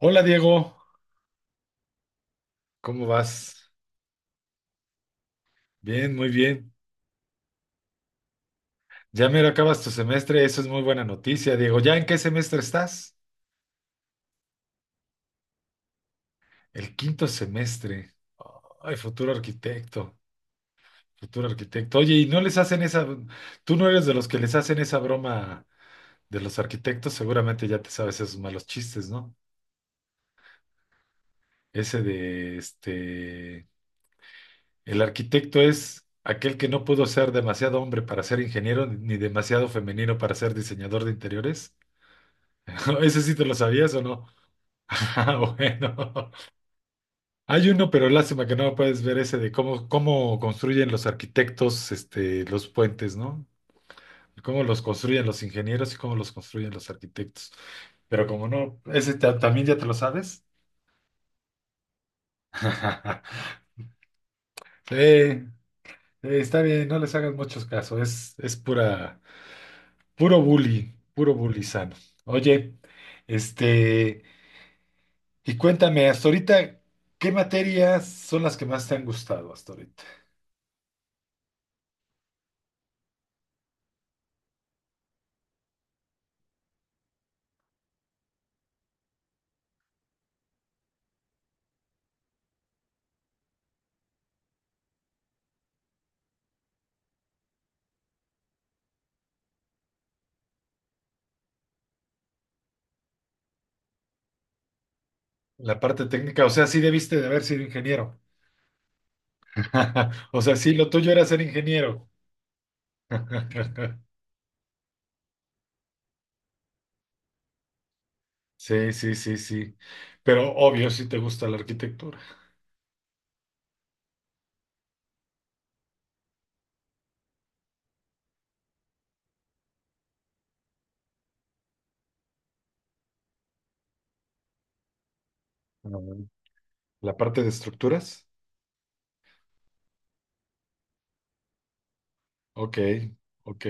Hola Diego, ¿cómo vas? Bien, muy bien. Ya mero acabas tu semestre, eso es muy buena noticia, Diego. ¿Ya en qué semestre estás? El quinto semestre. Ay, futuro arquitecto, futuro arquitecto. Oye, ¿y no les hacen esa, tú no eres de los que les hacen esa broma de los arquitectos? Seguramente ya te sabes esos malos chistes, ¿no? Ese de, este, el arquitecto es aquel que no pudo ser demasiado hombre para ser ingeniero ni demasiado femenino para ser diseñador de interiores. ¿Ese sí te lo sabías o no? Ah, bueno. Hay uno, pero lástima que no puedes ver ese de cómo, cómo construyen los arquitectos, este, los puentes, ¿no? Cómo los construyen los ingenieros y cómo los construyen los arquitectos. Pero como no, ese también ya te lo sabes. Sí, está bien, no les hagas muchos casos, es pura, puro bully sano. Oye, este, y cuéntame, hasta ahorita, ¿qué materias son las que más te han gustado hasta ahorita? La parte técnica, o sea, sí debiste de haber sido ingeniero. O sea, sí, lo tuyo era ser ingeniero. Sí, sí, sí, sí. Pero obvio, sí te gusta la arquitectura. Ujú. La parte de estructuras. Ok, ok.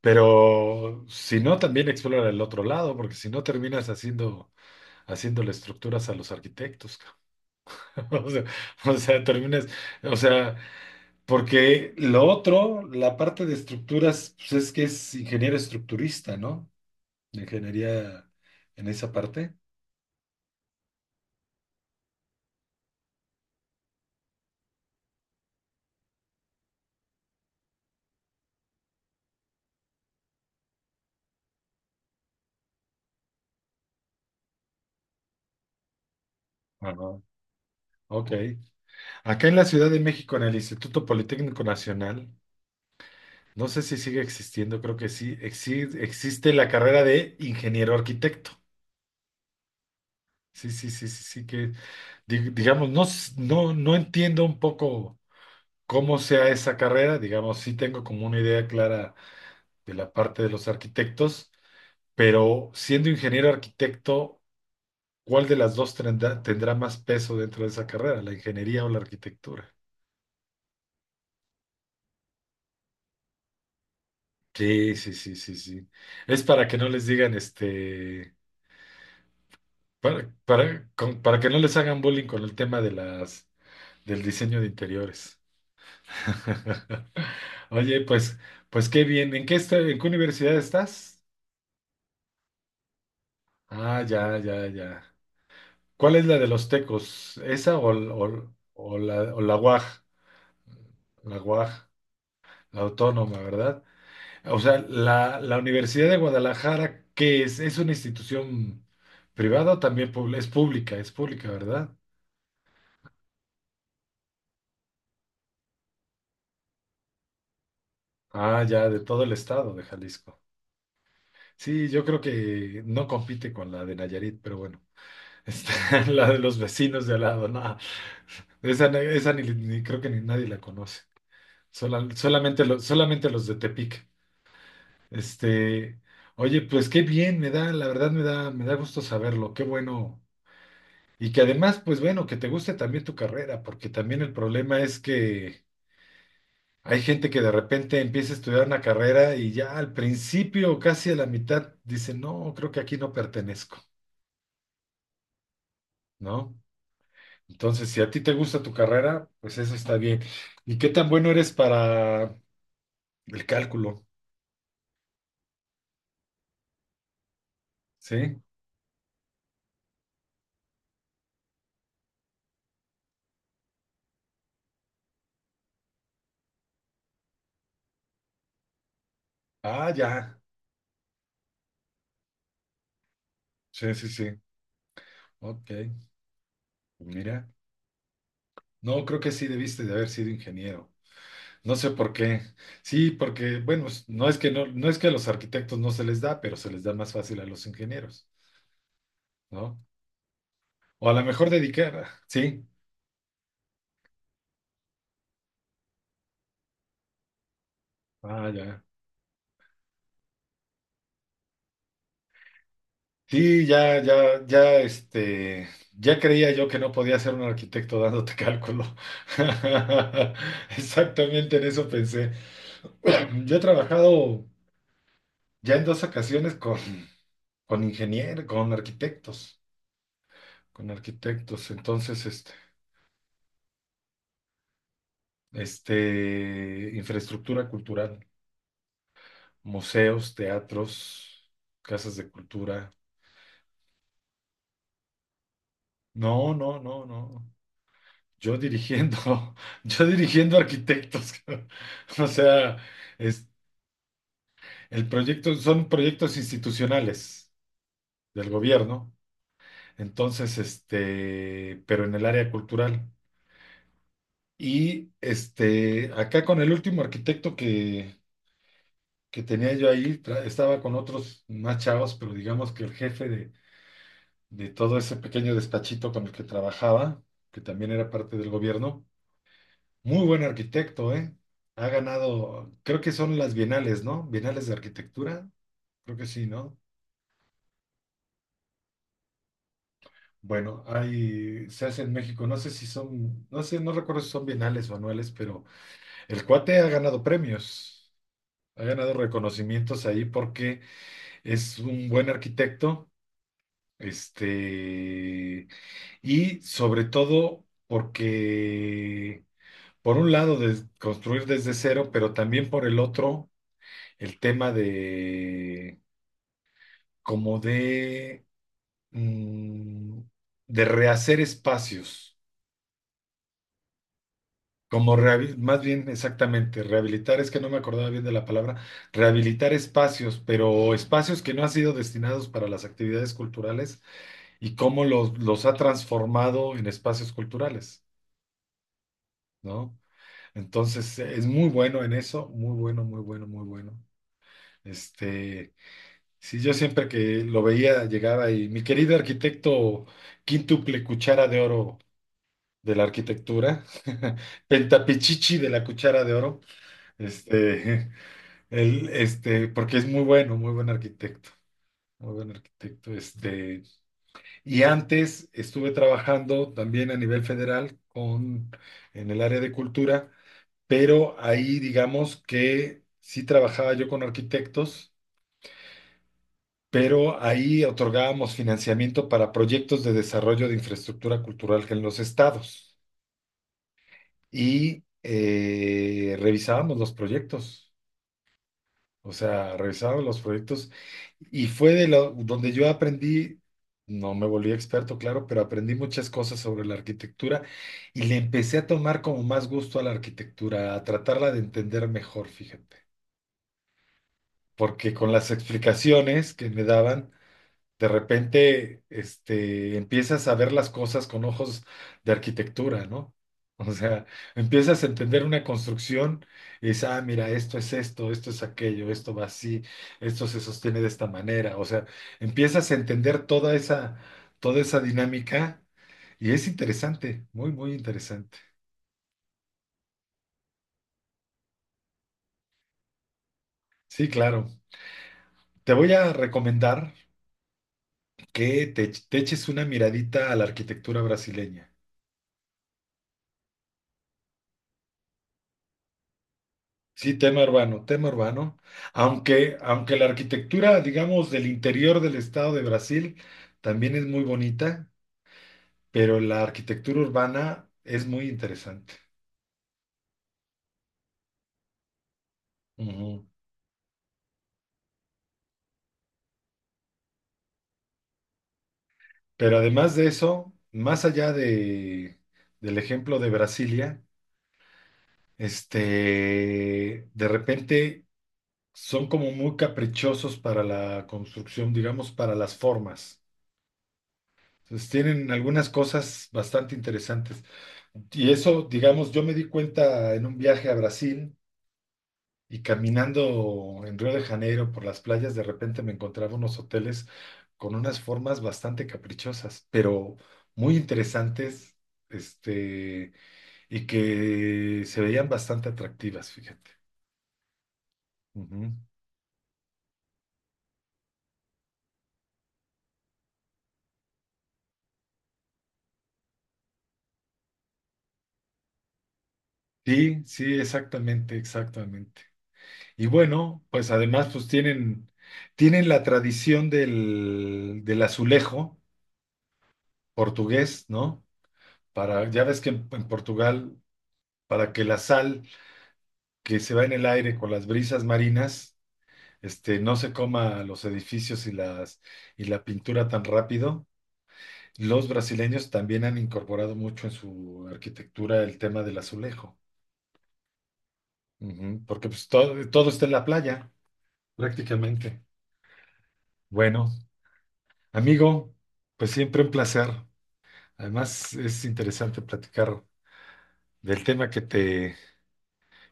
Pero si no, también explora el otro lado, porque si no terminas haciendo, haciéndole estructuras a los arquitectos. O sea, o sea, terminas, o sea, porque lo otro, la parte de estructuras, pues es que es ingeniero estructurista, ¿no? De ingeniería en esa parte. Ajá. Ok. Acá en la Ciudad de México, en el Instituto Politécnico Nacional, no sé si sigue existiendo, creo que sí, existe la carrera de ingeniero arquitecto. Sí, sí, sí, sí, sí, que digamos, no, no, no entiendo un poco cómo sea esa carrera, digamos, sí tengo como una idea clara de la parte de los arquitectos. Pero siendo ingeniero arquitecto, ¿cuál de las dos tendrá, tendrá más peso dentro de esa carrera, la ingeniería o la arquitectura? Sí, sí, sí, sí, sí. Es para que no les digan, este, para, para que no les hagan bullying con el tema de las, del diseño de interiores. Oye, pues, pues qué bien. ¿En qué, en qué universidad estás? Ah, ya, ya, ya. ¿Cuál es la de los tecos? ¿Esa o la UAG? La UAG. La autónoma, ¿verdad? O sea, la, la Universidad de Guadalajara, ¿qué es? ¿Es una institución privada o también es pública? Es pública, ¿verdad? Ah, ya, de todo el estado de Jalisco. Sí, yo creo que no compite con la de Nayarit, pero bueno, está la de los vecinos de al lado, no. Esa, esa ni, ni creo que ni nadie la conoce. Solamente, solamente los de Tepic. Este, oye, pues qué bien, me da, la verdad me da gusto saberlo. Qué bueno. Y que además, pues bueno, que te guste también tu carrera, porque también el problema es que hay gente que de repente empieza a estudiar una carrera y ya al principio, casi a la mitad, dice, no, creo que aquí no pertenezco, ¿no? Entonces, si a ti te gusta tu carrera, pues eso está bien. ¿Y qué tan bueno eres para el cálculo? ¿Sí? Ah, ya. Sí, sí, sí. Ok. Mira. No, creo que sí debiste de haber sido ingeniero. No sé por qué. Sí, porque, bueno, no es que no, no es que a los arquitectos no se les da, pero se les da más fácil a los ingenieros, ¿no? O a lo mejor dedicar, sí. Ah, ya. Sí, ya, ya, ya, ya creía yo que no podía ser un arquitecto dándote cálculo. Exactamente en eso pensé. Yo he trabajado ya en dos ocasiones con ingenieros, con arquitectos, con arquitectos. Entonces, infraestructura cultural. Museos, teatros, casas de cultura. No, no, no, no. Yo dirigiendo, yo dirigiendo arquitectos. O sea, es, el proyecto, son proyectos institucionales del gobierno. Entonces, pero en el área cultural. Y este, acá con el último arquitecto que tenía yo ahí, estaba con otros más chavos, pero digamos que el jefe de todo ese pequeño despachito con el que trabajaba, que también era parte del gobierno. Muy buen arquitecto, ¿eh? Ha ganado, creo que son las bienales, ¿no? Bienales de arquitectura, creo que sí, ¿no? Bueno, hay, se hace en México, no sé si son, no sé, no recuerdo si son bienales o anuales, pero el cuate ha ganado premios, ha ganado reconocimientos ahí porque es un buen arquitecto, este, y sobre todo porque por un lado, de construir desde cero, pero también por el otro, el tema de como de, mm, de rehacer espacios, como más bien exactamente, rehabilitar, es que no me acordaba bien de la palabra, rehabilitar espacios, pero espacios que no han sido destinados para las actividades culturales y cómo los ha transformado en espacios culturales, ¿no? Entonces, es muy bueno en eso, muy bueno, muy bueno, muy bueno. Este, sí, yo siempre que lo veía llegaba y mi querido arquitecto quíntuple cuchara de oro de la arquitectura, pentapichichi de la cuchara de oro, este, él, porque es muy bueno, muy buen arquitecto, y antes estuve trabajando también a nivel federal con, en el área de cultura, pero ahí digamos que sí trabajaba yo con arquitectos, pero ahí otorgábamos financiamiento para proyectos de desarrollo de infraestructura cultural en los estados y revisábamos los proyectos, o sea, revisábamos los proyectos y fue de lo, donde yo aprendí, no me volví experto, claro, pero aprendí muchas cosas sobre la arquitectura y le empecé a tomar como más gusto a la arquitectura, a tratarla de entender mejor, fíjate. Porque con las explicaciones que me daban, de repente, empiezas a ver las cosas con ojos de arquitectura, ¿no? O sea, empiezas a entender una construcción y dices, ah, mira, esto es esto, esto es aquello, esto va así, esto se sostiene de esta manera. O sea, empiezas a entender toda esa dinámica y es interesante, muy, muy interesante. Sí, claro. Te voy a recomendar que te eches una miradita a la arquitectura brasileña. Sí, tema urbano, tema urbano. Aunque, aunque la arquitectura, digamos, del interior del estado de Brasil también es muy bonita, pero la arquitectura urbana es muy interesante. Ujú. Pero además de eso, más allá de, del ejemplo de Brasilia, de repente son como muy caprichosos para la construcción, digamos, para las formas. Pues tienen algunas cosas bastante interesantes. Y eso, digamos, yo me di cuenta en un viaje a Brasil y caminando en Río de Janeiro por las playas, de repente me encontraba unos hoteles con unas formas bastante caprichosas, pero muy interesantes, este, y que se veían bastante atractivas, fíjate. Ujú. Sí, sí, exactamente, exactamente. Y bueno, pues además pues tienen, tienen la tradición del, del azulejo portugués, ¿no? Para, ya ves que en Portugal, para que la sal que se va en el aire con las brisas marinas, no se coma los edificios y las, y la pintura tan rápido, los brasileños también han incorporado mucho en su arquitectura el tema del azulejo, ujú, porque pues todo, todo está en la playa, prácticamente. Bueno, amigo, pues siempre un placer. Además, es interesante platicar del tema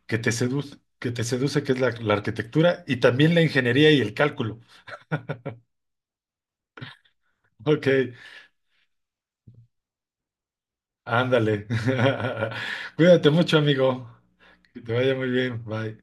que te seduce, que te seduce, que es la, la arquitectura y también la ingeniería y el cálculo. Ok, ándale. Cuídate mucho, amigo. Que te vaya muy bien. Bye.